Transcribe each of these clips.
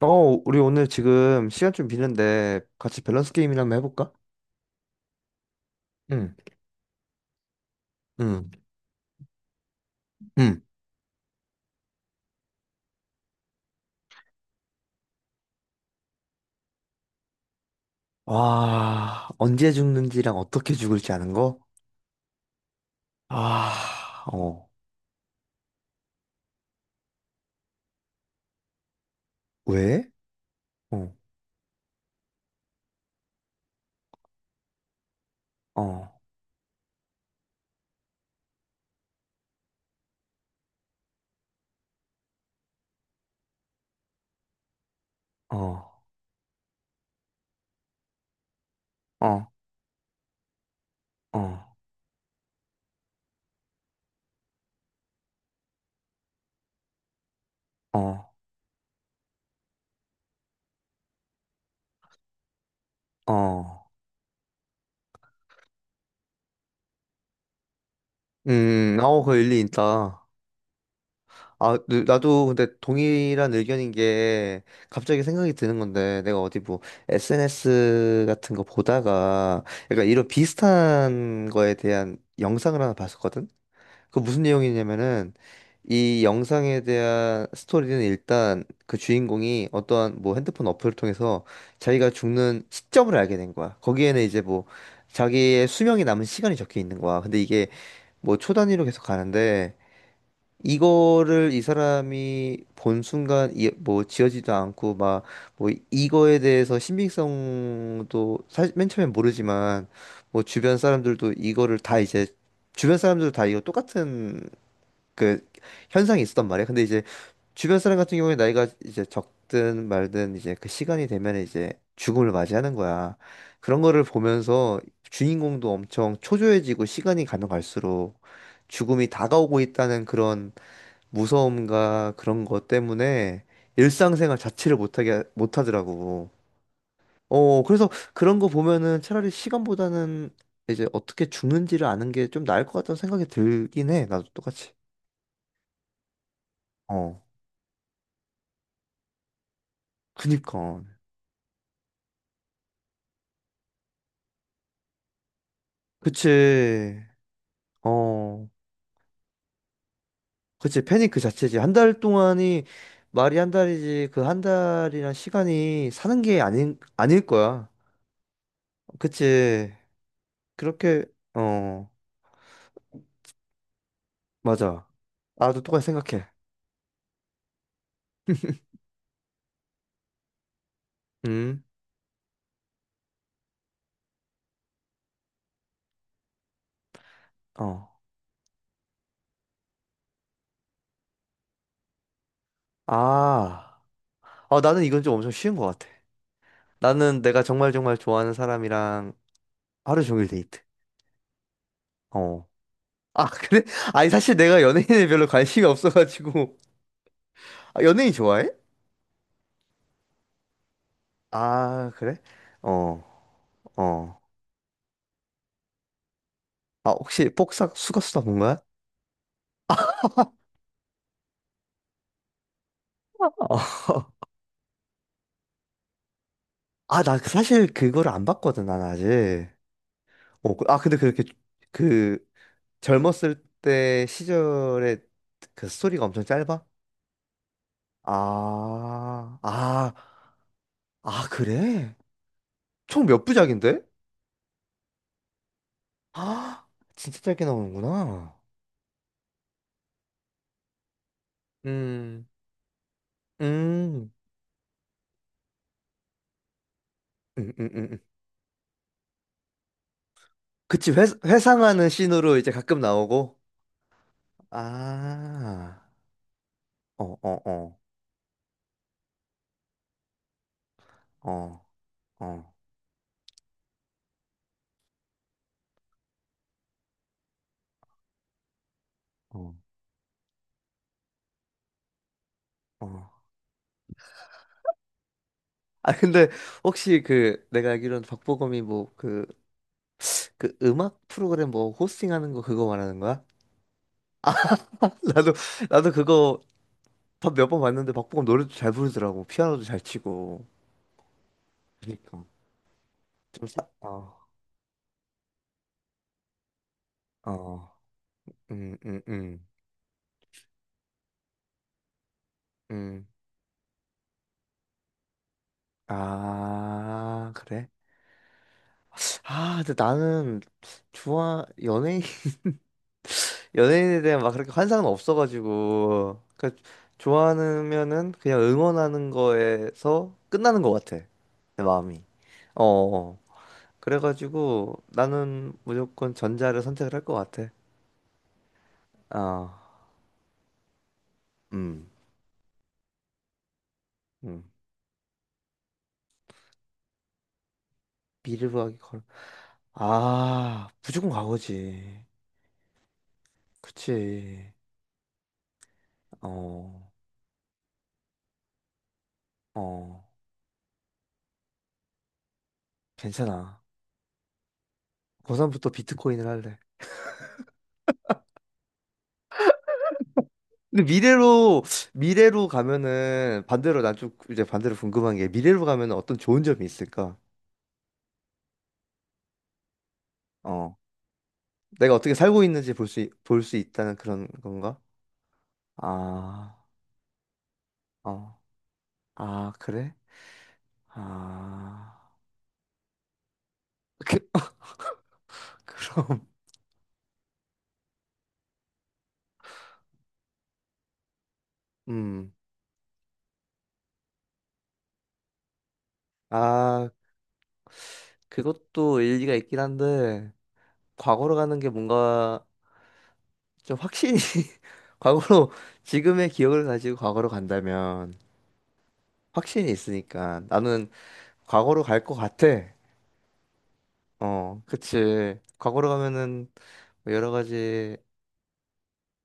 어, 우리 오늘 지금 시간 좀 비는데 같이 밸런스 게임이나 한번 해볼까? 응, 응, 응. 와, 언제 죽는지랑 어떻게 죽을지 아는 거? 아, 어, 왜? 어, 어, 어, 어, 어, 어, 어. 그 일리 있다. 나도 근데 동일한 의견인 게 갑자기 생각이 드는 건데 내가 어디 뭐 SNS 같은 거 보다가 약간 이런 비슷한 거에 대한 영상을 하나 봤었거든? 그 무슨 내용이냐면은 이 영상에 대한 스토리는 일단 그 주인공이 어떠한 뭐 핸드폰 어플을 통해서 자기가 죽는 시점을 알게 된 거야. 거기에는 이제 뭐 자기의 수명이 남은 시간이 적혀 있는 거야. 근데 이게 뭐 초단위로 계속 가는데 이거를 이 사람이 본 순간 뭐 지어지도 않고 막 뭐 이거에 대해서 신빙성도 사실 맨 처음엔 모르지만 뭐 주변 사람들도 다 이거 똑같은 그 현상이 있었단 말이야. 근데 이제 주변 사람 같은 경우에 나이가 이제 적든 말든 이제 그 시간이 되면 이제 죽음을 맞이하는 거야. 그런 거를 보면서 주인공도 엄청 초조해지고 시간이 가면 갈수록 죽음이 다가오고 있다는 그런 무서움과 그런 것 때문에 일상생활 자체를 못하더라고. 그래서 그런 거 보면은 차라리 시간보다는 이제 어떻게 죽는지를 아는 게 좀 나을 것 같다는 생각이 들긴 해. 나도 똑같이. 어, 그니까. 그치. 어, 그치. 패닉 그 자체지. 한 달 동안이 말이 한 달이지. 그 한 달이란 시간이 사는 게 아닐 거야. 그치. 그렇게, 어, 맞아. 나도 똑같이 생각해. 음. 어. 아, 나는 이건 좀 엄청 쉬운 것 같아. 나는 내가 정말 정말 좋아하는 사람이랑 하루 종일 데이트. 어. 아, 그래? 아니, 사실 내가 연예인에 별로 관심이 없어가지고. 아, 연예인 좋아해? 아, 그래? 어, 어. 아, 혹시 복사 수거수다 본 거야? 어. 아, 사실 그거를 안 봤거든, 난 아직. 근데 그렇게 그 젊었을 때 시절에 그 스토리가 엄청 짧아? 아, 아, 그래? 총 몇 부작인데? 아, 진짜 짧게 나오는구나. 음, 음, 음, 음, 음. 음. 그치. 회상하는 씬으로 이제 가끔 나오고. 아, 어, 어, 어, 어, 어, 어, 어. 아, 근데 혹시 내가 알기로는 박보검이 그 음악 프로그램 뭐 호스팅하는 거 그거 말하는 거야? 나도, 나도 그거 몇 번 봤는데 박보검 노래도 잘 부르더라고. 피아노도 잘 치고. 그니까. 좀 사, 어, 어, 음, 음, 음. 음. 아, 그래? 아, 근데 나는 좋아 연예인 연예인에 대한 막 그렇게 환상은 없어가지고 그 좋아하면은 그냥 응원하는 거에서 끝나는 것 같아 내 마음이. 어, 어. 그래가지고 나는 무조건 전자를 선택을 할 것 같아. 아, 음, 음. 미르부하기 걸. 아, 무조건 과거지. 그치. 어, 어, 괜찮아. 고3부터 비트코인을 할래. 근데 미래로 가면은, 반대로 난 좀 이제 반대로 궁금한 게, 미래로 가면은 어떤 좋은 점이 있을까? 어. 내가 어떻게 살고 있는지 볼 수 있다는 그런 건가? 아, 어. 아, 그래? 아. 그, 그럼, 음. 아, 그것도 일리가 있긴 한데, 과거로 가는 게 뭔가 좀 과거로, 지금의 기억을 가지고 과거로 간다면, 확신이 있으니까. 나는 과거로 갈 것 같아. 어, 그치. 과거로 가면은 뭐 여러 가지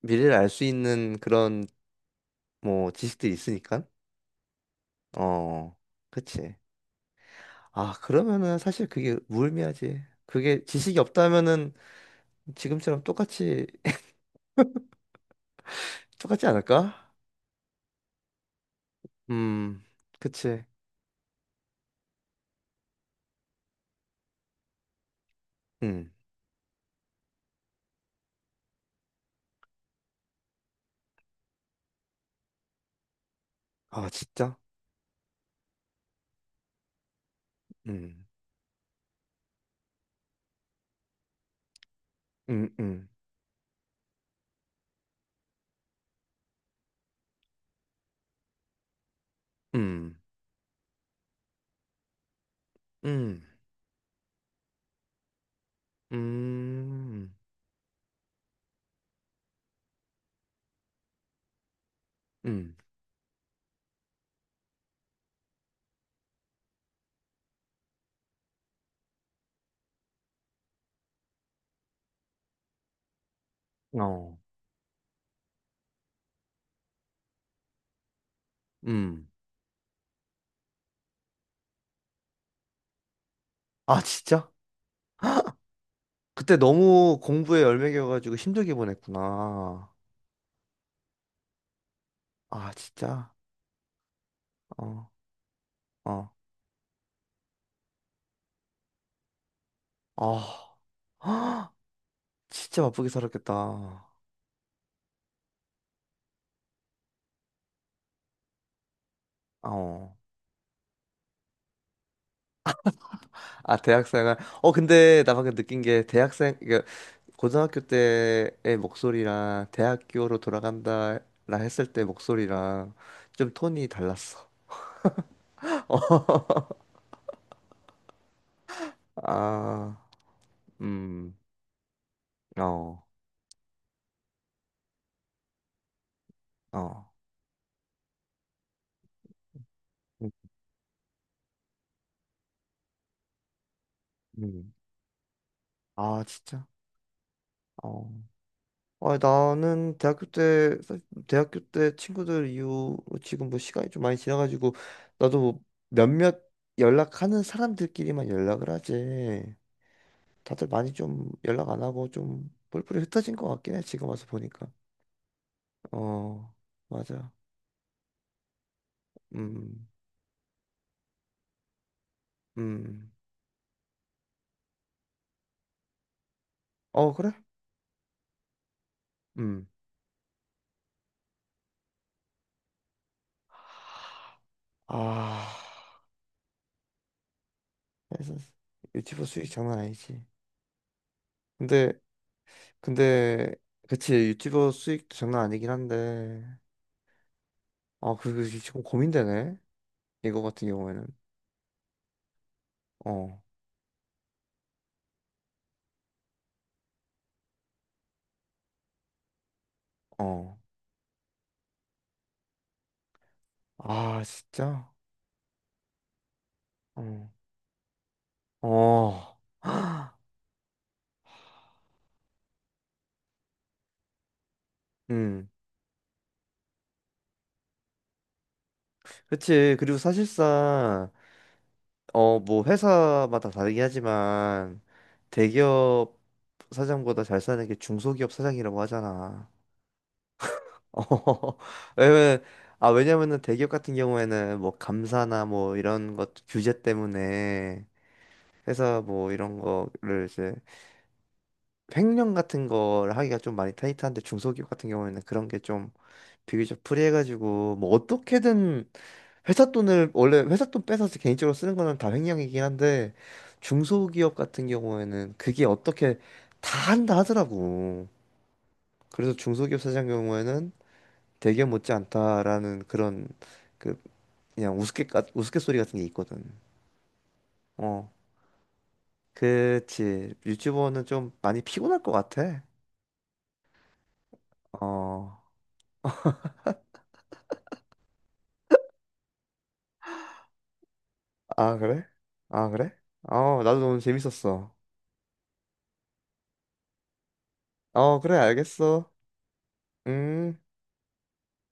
미래를 알 수 있는 그런 뭐 지식들이 있으니까. 어, 그치. 아, 그러면은 사실 그게 무의미하지. 그게 지식이 없다면은 지금처럼 똑같이, 똑같지 않을까? 음, 그치. 음. 아, 진짜? 음, 음, 음, 음, 음, 음, 음, 어, 음. 아, 진짜? 그때 너무 공부에 열매겨가지고 힘들게 보냈구나. 아, 진짜? 어, 어. 아, 진짜 바쁘게 살았겠다. 어. 아, 대학생활. 어, 근데 나 방금 느낀 게 대학생, 이게 고등학교 때의 목소리랑 대학교로 돌아간다 라 했을 때 목소리랑 좀 톤이 달랐어. 어. 아, 음, 어, 어. 음, 음. 아, 진짜? 어. 아, 나는 대학교 때, 사실 대학교 때 친구들 이후 지금 뭐 시간이 좀 많이 지나가지고, 나도 뭐 몇몇 연락하는 사람들끼리만 연락을 하지. 다들 많이 좀 연락 안 하고 좀 뿔뿔이 흩어진 것 같긴 해, 지금 와서 보니까. 어, 맞아. 음, 음. 어, 그래? 음. 아, 그래서 유튜버 수익 장난 아니지. 근데, 근데, 그치, 유튜버 수익 장난 아니긴 한데, 지금 고민되네. 이거 같은 경우에는 어, 어. 아, 진짜? 어. 어. 음. 그치. 그리고 사실상 뭐 회사마다 다르긴 하지만 대기업 사장보다 잘 사는 게 중소기업 사장이라고 하잖아. 어. 왜냐면 아, 왜냐면은 대기업 같은 경우에는 뭐 감사나 뭐 이런 것 규제 때문에 회사 뭐 이런 거를 이제 횡령 같은 걸 하기가 좀 많이 타이트한데 중소기업 같은 경우에는 그런 게 좀 비교적 프리해가지고 뭐 어떻게든 회사 돈을 원래 회사 돈 뺏어서 개인적으로 쓰는 거는 다 횡령이긴 한데 중소기업 같은 경우에는 그게 어떻게 다 한다 하더라고. 그래서 중소기업 사장 경우에는 되게 못지않다라는 그런 그 그냥 우스갯가 우스갯소리 같은 게 있거든. 어, 그치. 유튜버는 좀 많이 피곤할 것 같아. 어. 아, 그래? 아, 그래? 어, 나도 오늘 재밌었어. 어, 그래, 알겠어. 음.